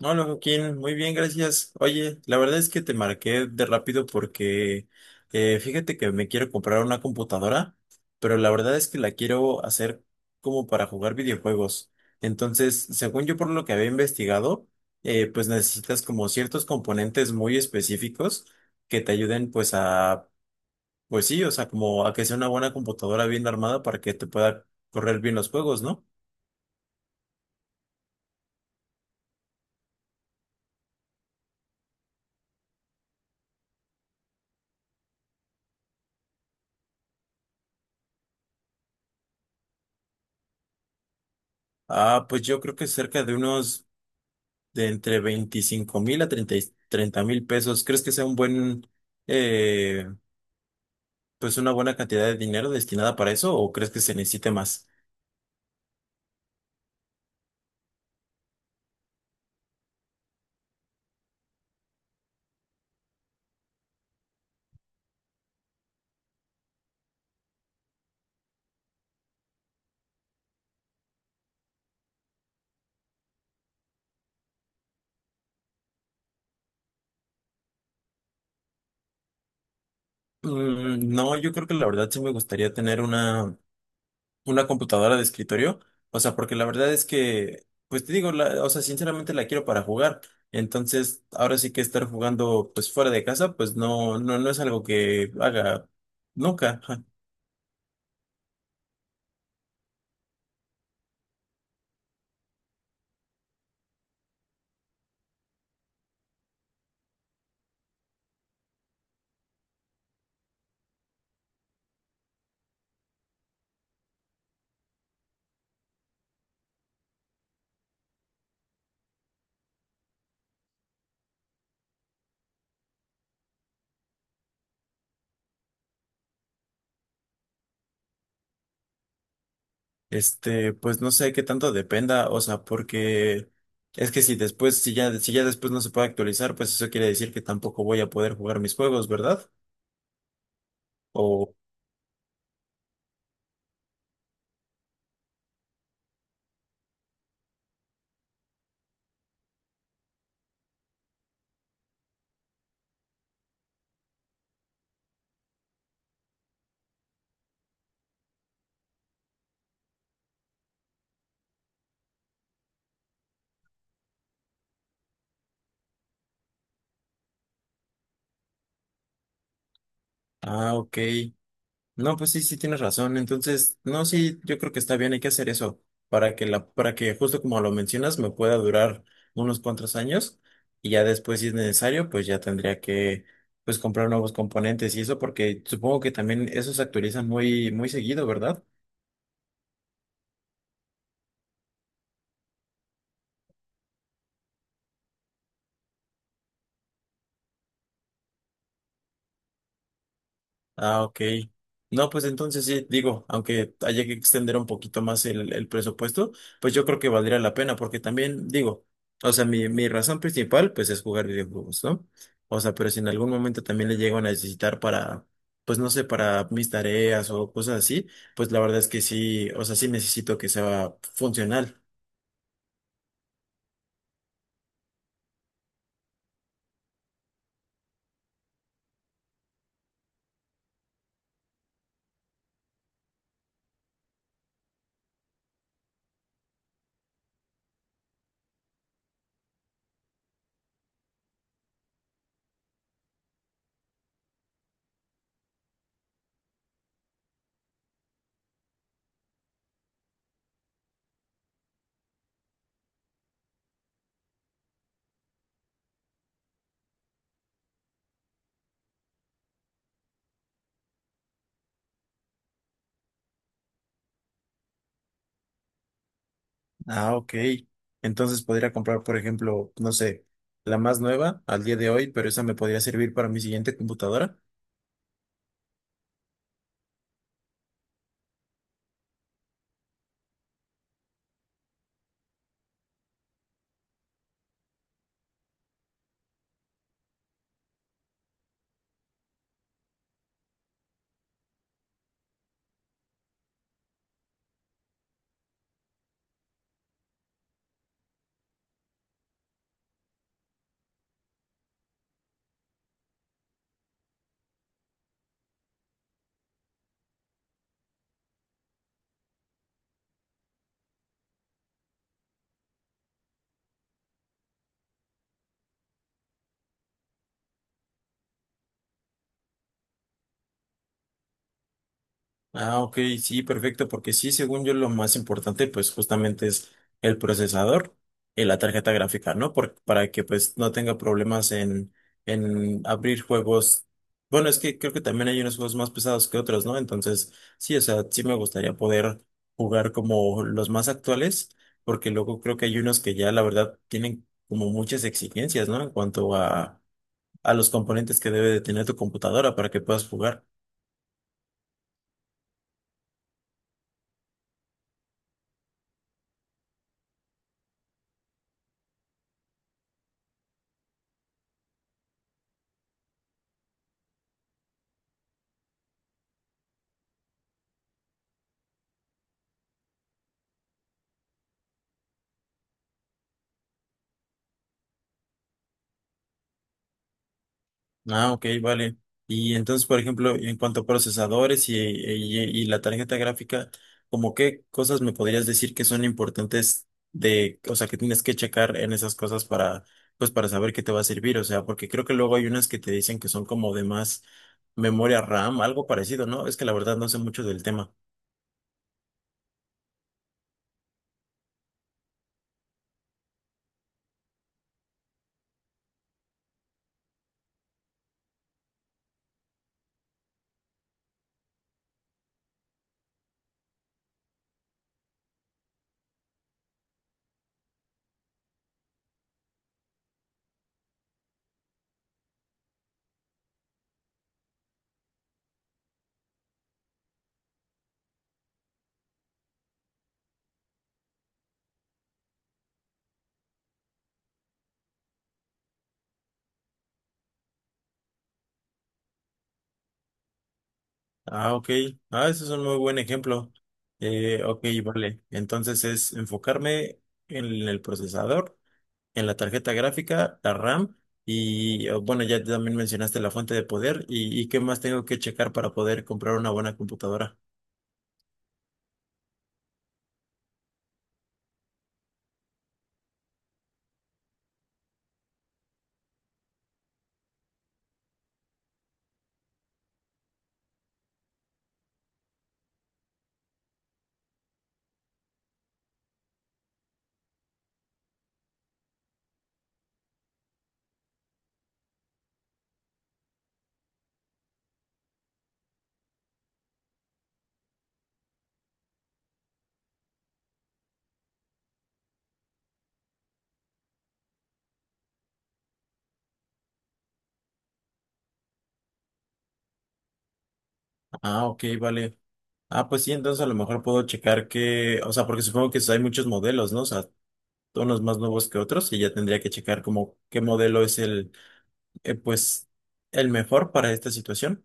Hola Joaquín, muy bien, gracias. Oye, la verdad es que te marqué de rápido porque fíjate que me quiero comprar una computadora, pero la verdad es que la quiero hacer como para jugar videojuegos. Entonces, según yo por lo que había investigado, pues necesitas como ciertos componentes muy específicos que te ayuden pues a, pues sí, o sea, como a que sea una buena computadora bien armada para que te pueda correr bien los juegos, ¿no? Ah, pues yo creo que cerca de unos... de entre 25,000 a 30,000 pesos. ¿Crees que sea un buen, eh, pues una buena cantidad de dinero destinada para eso o crees que se necesite más? Mm, no, yo creo que la verdad sí me gustaría tener una computadora de escritorio. O sea, porque la verdad es que, pues te digo, o sea, sinceramente la quiero para jugar. Entonces, ahora sí que estar jugando pues fuera de casa, pues no, no, no es algo que haga nunca. Este, pues no sé qué tanto dependa, o sea, porque es que si después, si ya después no se puede actualizar, pues eso quiere decir que tampoco voy a poder jugar mis juegos, ¿verdad? O, ah, ok. No, pues sí, sí tienes razón. Entonces, no, sí, yo creo que está bien, hay que hacer eso para que para que justo como lo mencionas, me pueda durar unos cuantos años y ya después, si es necesario, pues ya tendría que, pues comprar nuevos componentes y eso, porque supongo que también esos se actualizan muy, muy seguido, ¿verdad? Ah, ok. No, pues entonces sí, digo, aunque haya que extender un poquito más el presupuesto, pues yo creo que valdría la pena, porque también digo, o sea, mi razón principal, pues es jugar videojuegos, ¿no? O sea, pero si en algún momento también le llego a necesitar para, pues no sé, para mis tareas o cosas así, pues la verdad es que sí, o sea, sí necesito que sea funcional. Ah, ok. Entonces podría comprar, por ejemplo, no sé, la más nueva al día de hoy, pero esa me podría servir para mi siguiente computadora. Ah, ok, sí, perfecto, porque sí, según yo, lo más importante, pues justamente es el procesador y la tarjeta gráfica, ¿no? Para que pues no tenga problemas en abrir juegos. Bueno, es que creo que también hay unos juegos más pesados que otros, ¿no? Entonces, sí, o sea, sí me gustaría poder jugar como los más actuales, porque luego creo que hay unos que ya la verdad tienen como muchas exigencias, ¿no? En cuanto a los componentes que debe de tener tu computadora para que puedas jugar. Ah, ok, vale. Y entonces, por ejemplo, en cuanto a procesadores y, y la tarjeta gráfica, ¿como qué cosas me podrías decir que son importantes de, o sea, que tienes que checar en esas cosas para, pues, para saber qué te va a servir? O sea, porque creo que luego hay unas que te dicen que son como de más memoria RAM, algo parecido, ¿no? Es que la verdad no sé mucho del tema. Ah, ok. Ah, ese es un muy buen ejemplo. Ok, vale. Entonces es enfocarme en el procesador, en la tarjeta gráfica, la RAM y bueno, ya también mencionaste la fuente de poder y qué más tengo que checar para poder comprar una buena computadora. Ah, ok, vale. Ah, pues sí, entonces a lo mejor puedo checar que, o sea, porque supongo que hay muchos modelos, ¿no? O sea, unos más nuevos que otros y ya tendría que checar como qué modelo es el, pues, el mejor para esta situación.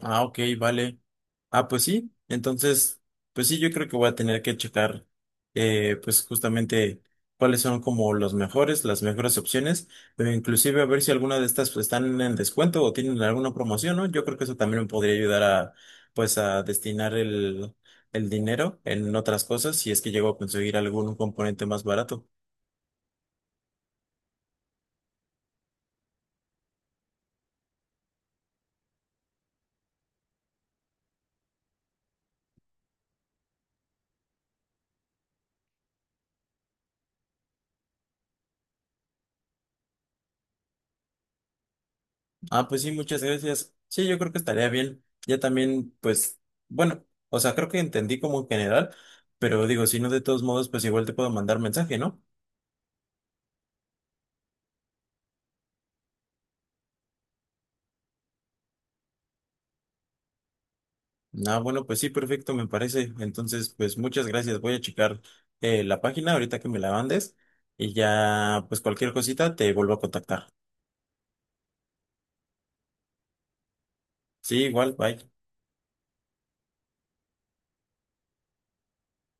Ah, ok, vale. Ah, pues sí. Entonces, pues sí, yo creo que voy a tener que checar, pues justamente cuáles son como los mejores, las mejores opciones, pero inclusive a ver si alguna de estas pues, están en descuento o tienen alguna promoción, ¿no? Yo creo que eso también me podría ayudar a, pues, a destinar el dinero en otras cosas si es que llego a conseguir algún componente más barato. Ah, pues sí, muchas gracias. Sí, yo creo que estaría bien. Ya también, pues, bueno, o sea, creo que entendí como en general, pero digo, si no, de todos modos, pues igual te puedo mandar mensaje, ¿no? Ah, bueno, pues sí, perfecto, me parece. Entonces, pues muchas gracias. Voy a checar la página ahorita que me la mandes y ya, pues cualquier cosita te vuelvo a contactar. Sí, igual, bye.